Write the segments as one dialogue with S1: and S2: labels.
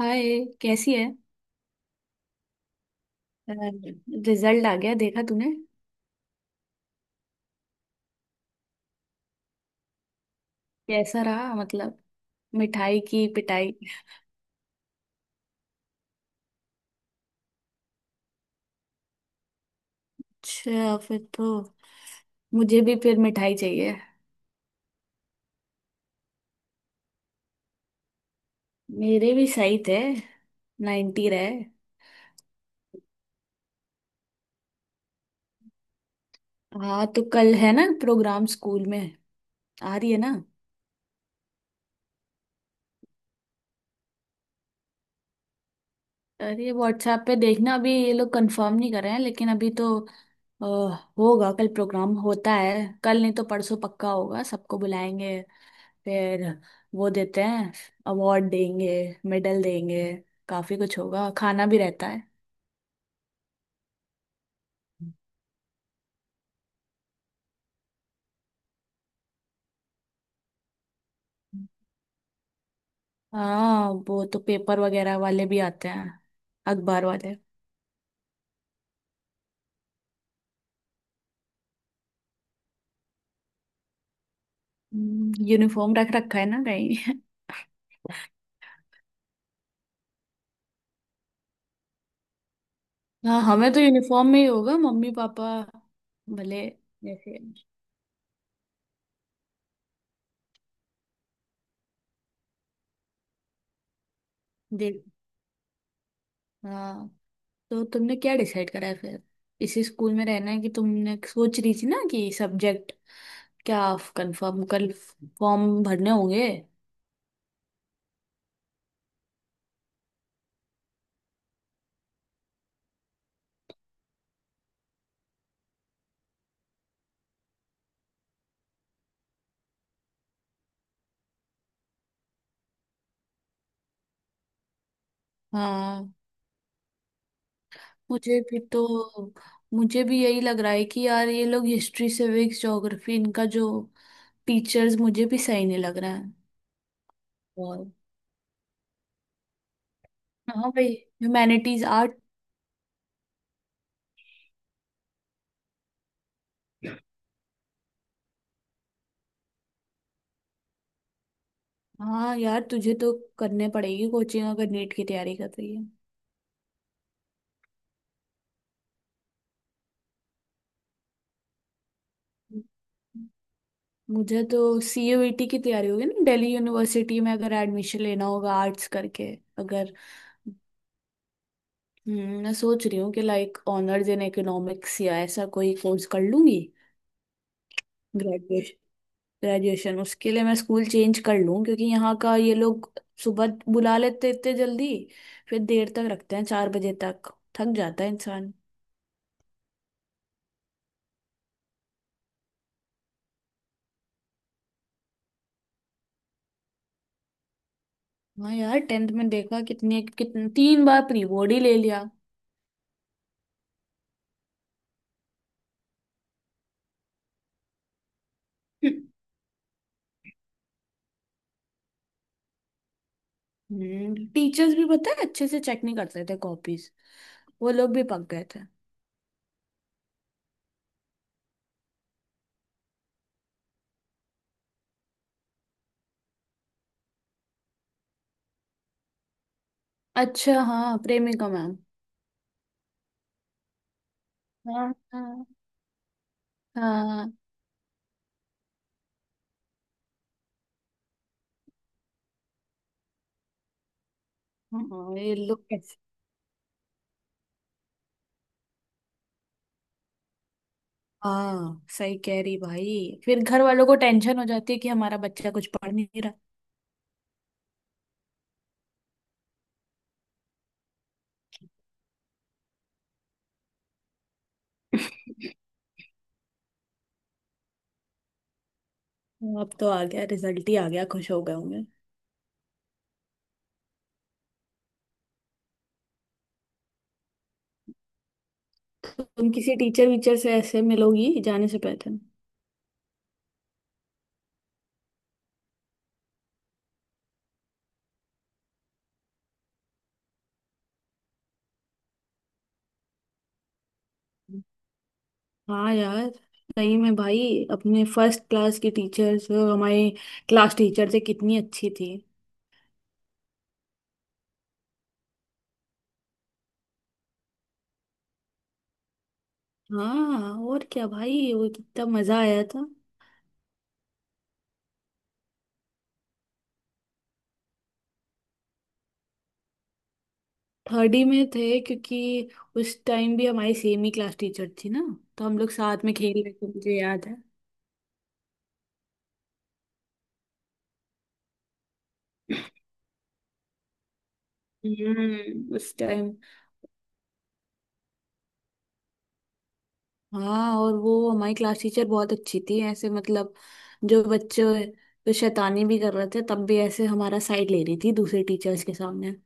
S1: हाय। कैसी है? रिजल्ट आ गया देखा तूने? कैसा रहा मतलब? मिठाई की पिटाई? अच्छा फिर तो मुझे भी फिर मिठाई चाहिए। मेरे भी सही थे। 90 रहे। हाँ तो कल है ना प्रोग्राम स्कूल में? आ रही है ना? अरे व्हाट्सएप पे देखना। अभी ये लोग कंफर्म नहीं कर रहे हैं लेकिन अभी तो होगा। कल प्रोग्राम होता है। कल नहीं तो परसों पक्का होगा। सबको बुलाएंगे। फिर वो देते हैं। अवार्ड देंगे। मेडल देंगे। काफी कुछ होगा, खाना भी रहता है। हाँ वो तो पेपर वगैरह वाले भी आते हैं, अखबार वाले। यूनिफॉर्म रख रखा है ना कहीं? हाँ हमें तो यूनिफॉर्म में ही होगा। मम्मी पापा, भले जैसे, देख। हाँ तो तुमने क्या डिसाइड करा है फिर? इसी स्कूल में रहना है कि तुमने सोच रही थी ना कि सब्जेक्ट क्या? कंफर्म कल फॉर्म भरने होंगे। हाँ। मुझे भी तो मुझे भी यही लग रहा है कि यार ये लोग हिस्ट्री सिविक्स ज्योग्राफी इनका जो टीचर्स, मुझे भी सही नहीं लग रहा है। और, हाँ भाई, ह्यूमैनिटीज आर्ट। हाँ यार तुझे तो करने पड़ेगी कोचिंग अगर नीट की तैयारी कर रही है। मुझे तो सीयूईटी की तैयारी होगी ना दिल्ली यूनिवर्सिटी में अगर एडमिशन लेना होगा आर्ट्स करके, अगर। मैं सोच रही हूँ कि लाइक ऑनर्स इन इकोनॉमिक्स या ऐसा कोई कोर्स कर लूंगी ग्रेजुएशन। उसके लिए मैं स्कूल चेंज कर लूं क्योंकि यहाँ का ये लोग सुबह बुला लेते इतने जल्दी। फिर देर तक रखते हैं चार बजे तक। थक जाता है इंसान। हाँ यार टेंथ में देखा, कितने कितने तीन बार प्री बोर्ड ही ले लिया। टीचर्स भी पता है अच्छे से चेक नहीं करते थे कॉपीज। वो लोग भी पक गए थे। अच्छा हाँ, प्रेमिका मैम। हाँ हाँ हाँ। हाँ, ये लोग कैसे। हाँ सही कह रही भाई, फिर घर वालों को टेंशन हो जाती है कि हमारा बच्चा कुछ पढ़ नहीं। अब तो आ गया, रिजल्ट ही आ गया, खुश हो गए होंगे। तुम किसी टीचर वीचर से ऐसे मिलोगी जाने से पहले? हाँ यार, सही में भाई। अपने फर्स्ट क्लास की टीचर्स, हमारे क्लास टीचर थे कितनी अच्छी थी। हाँ और क्या भाई, वो कितना मजा आया था। थर्ड ही में थे, क्योंकि उस टाइम भी हमारी सेम ही क्लास टीचर थी ना। तो हम लोग साथ में खेल रहे थे, मुझे याद है। उस टाइम। हाँ और वो हमारी क्लास टीचर बहुत अच्छी थी, ऐसे मतलब। जो बच्चे तो शैतानी भी कर रहे थे, तब भी ऐसे हमारा साइड ले रही थी दूसरे टीचर्स के सामने।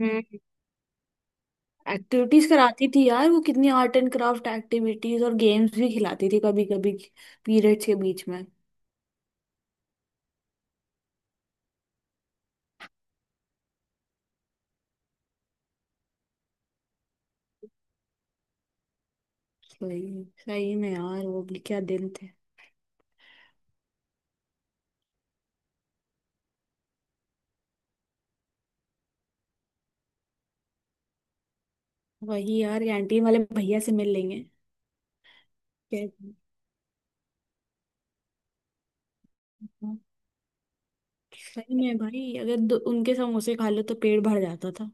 S1: हम्म एक्टिविटीज कराती थी यार वो कितनी। आर्ट एंड क्राफ्ट एक्टिविटीज और गेम्स भी खिलाती थी कभी कभी पीरियड्स के बीच में। सही सही में यार, वो भी क्या दिन थे। वही यार, कैंटीन वाले भैया से मिल लेंगे। क्या- सही में भाई, अगर उनके समोसे खा लो तो पेट भर जाता था।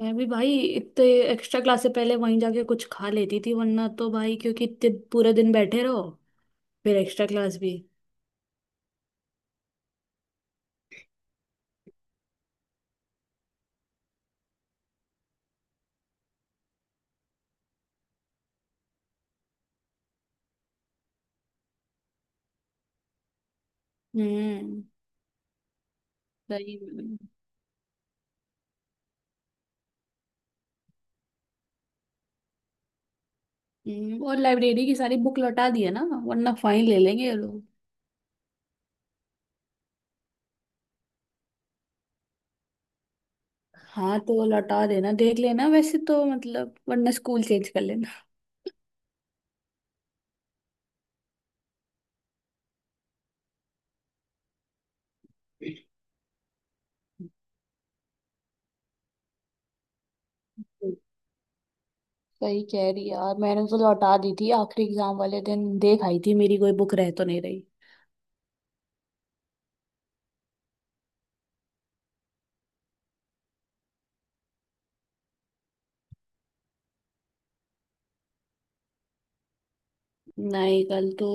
S1: मैं भी भाई, इतने एक्स्ट्रा क्लास से पहले वहीं जाके कुछ खा लेती थी, वरना तो भाई, क्योंकि इतने पूरा दिन बैठे रहो, फिर एक्स्ट्रा क्लास भी। हम्म सही में। और लाइब्रेरी की सारी बुक लौटा दी है ना, वरना फाइन ले लेंगे ये लोग। हाँ तो लौटा देना, देख लेना वैसे तो, मतलब वरना स्कूल चेंज कर लेना। सही कह रही है यार, मैंने तो लौटा दी थी आखिरी एग्जाम वाले दिन, देख आई थी मेरी कोई बुक रह तो नहीं रही। नहीं कल तो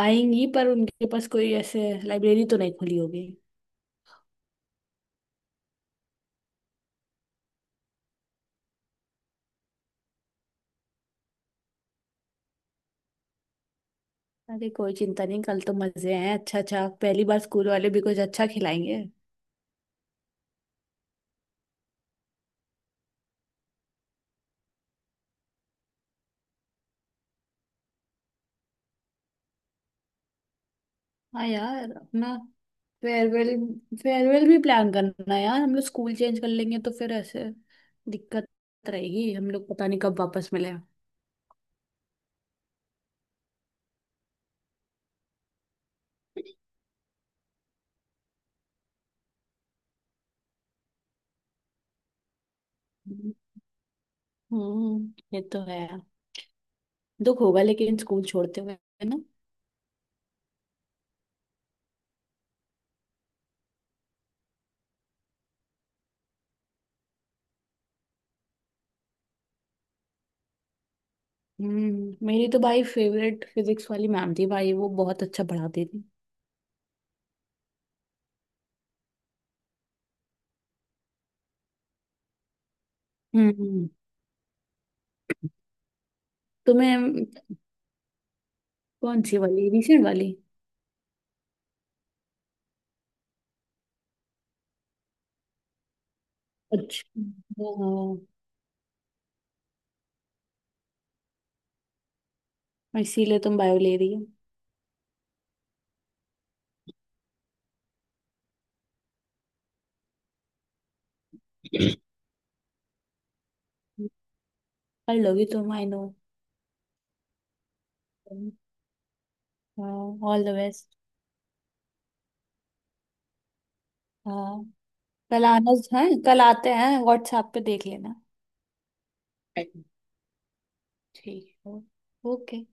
S1: आएंगी, पर उनके पास कोई ऐसे लाइब्रेरी तो नहीं खुली होगी। अरे कोई चिंता नहीं, कल तो मजे हैं। अच्छा अच्छा, पहली बार स्कूल वाले भी कुछ अच्छा खिलाएंगे। हाँ यार, अपना फेयरवेल। भी प्लान करना यार, हम लोग स्कूल चेंज कर लेंगे तो फिर ऐसे दिक्कत रहेगी। हम लोग पता नहीं कब वापस मिले। हम्म ये तो है। दुख होगा लेकिन स्कूल छोड़ते हुए, है ना। मेरी तो भाई फेवरेट फिजिक्स वाली मैम थी भाई, वो बहुत अच्छा पढ़ाती थी। हम्म तुम्हें कौन सी वाली? रिसेंट वाली? अच्छा हाँ। और इसीलिए तुम बायो ले रही हो? कर लोगी तुम, I know. All the best. हाँ कल आना है। कल आते हैं, व्हाट्सएप पे देख लेना। ठीक है। ओके।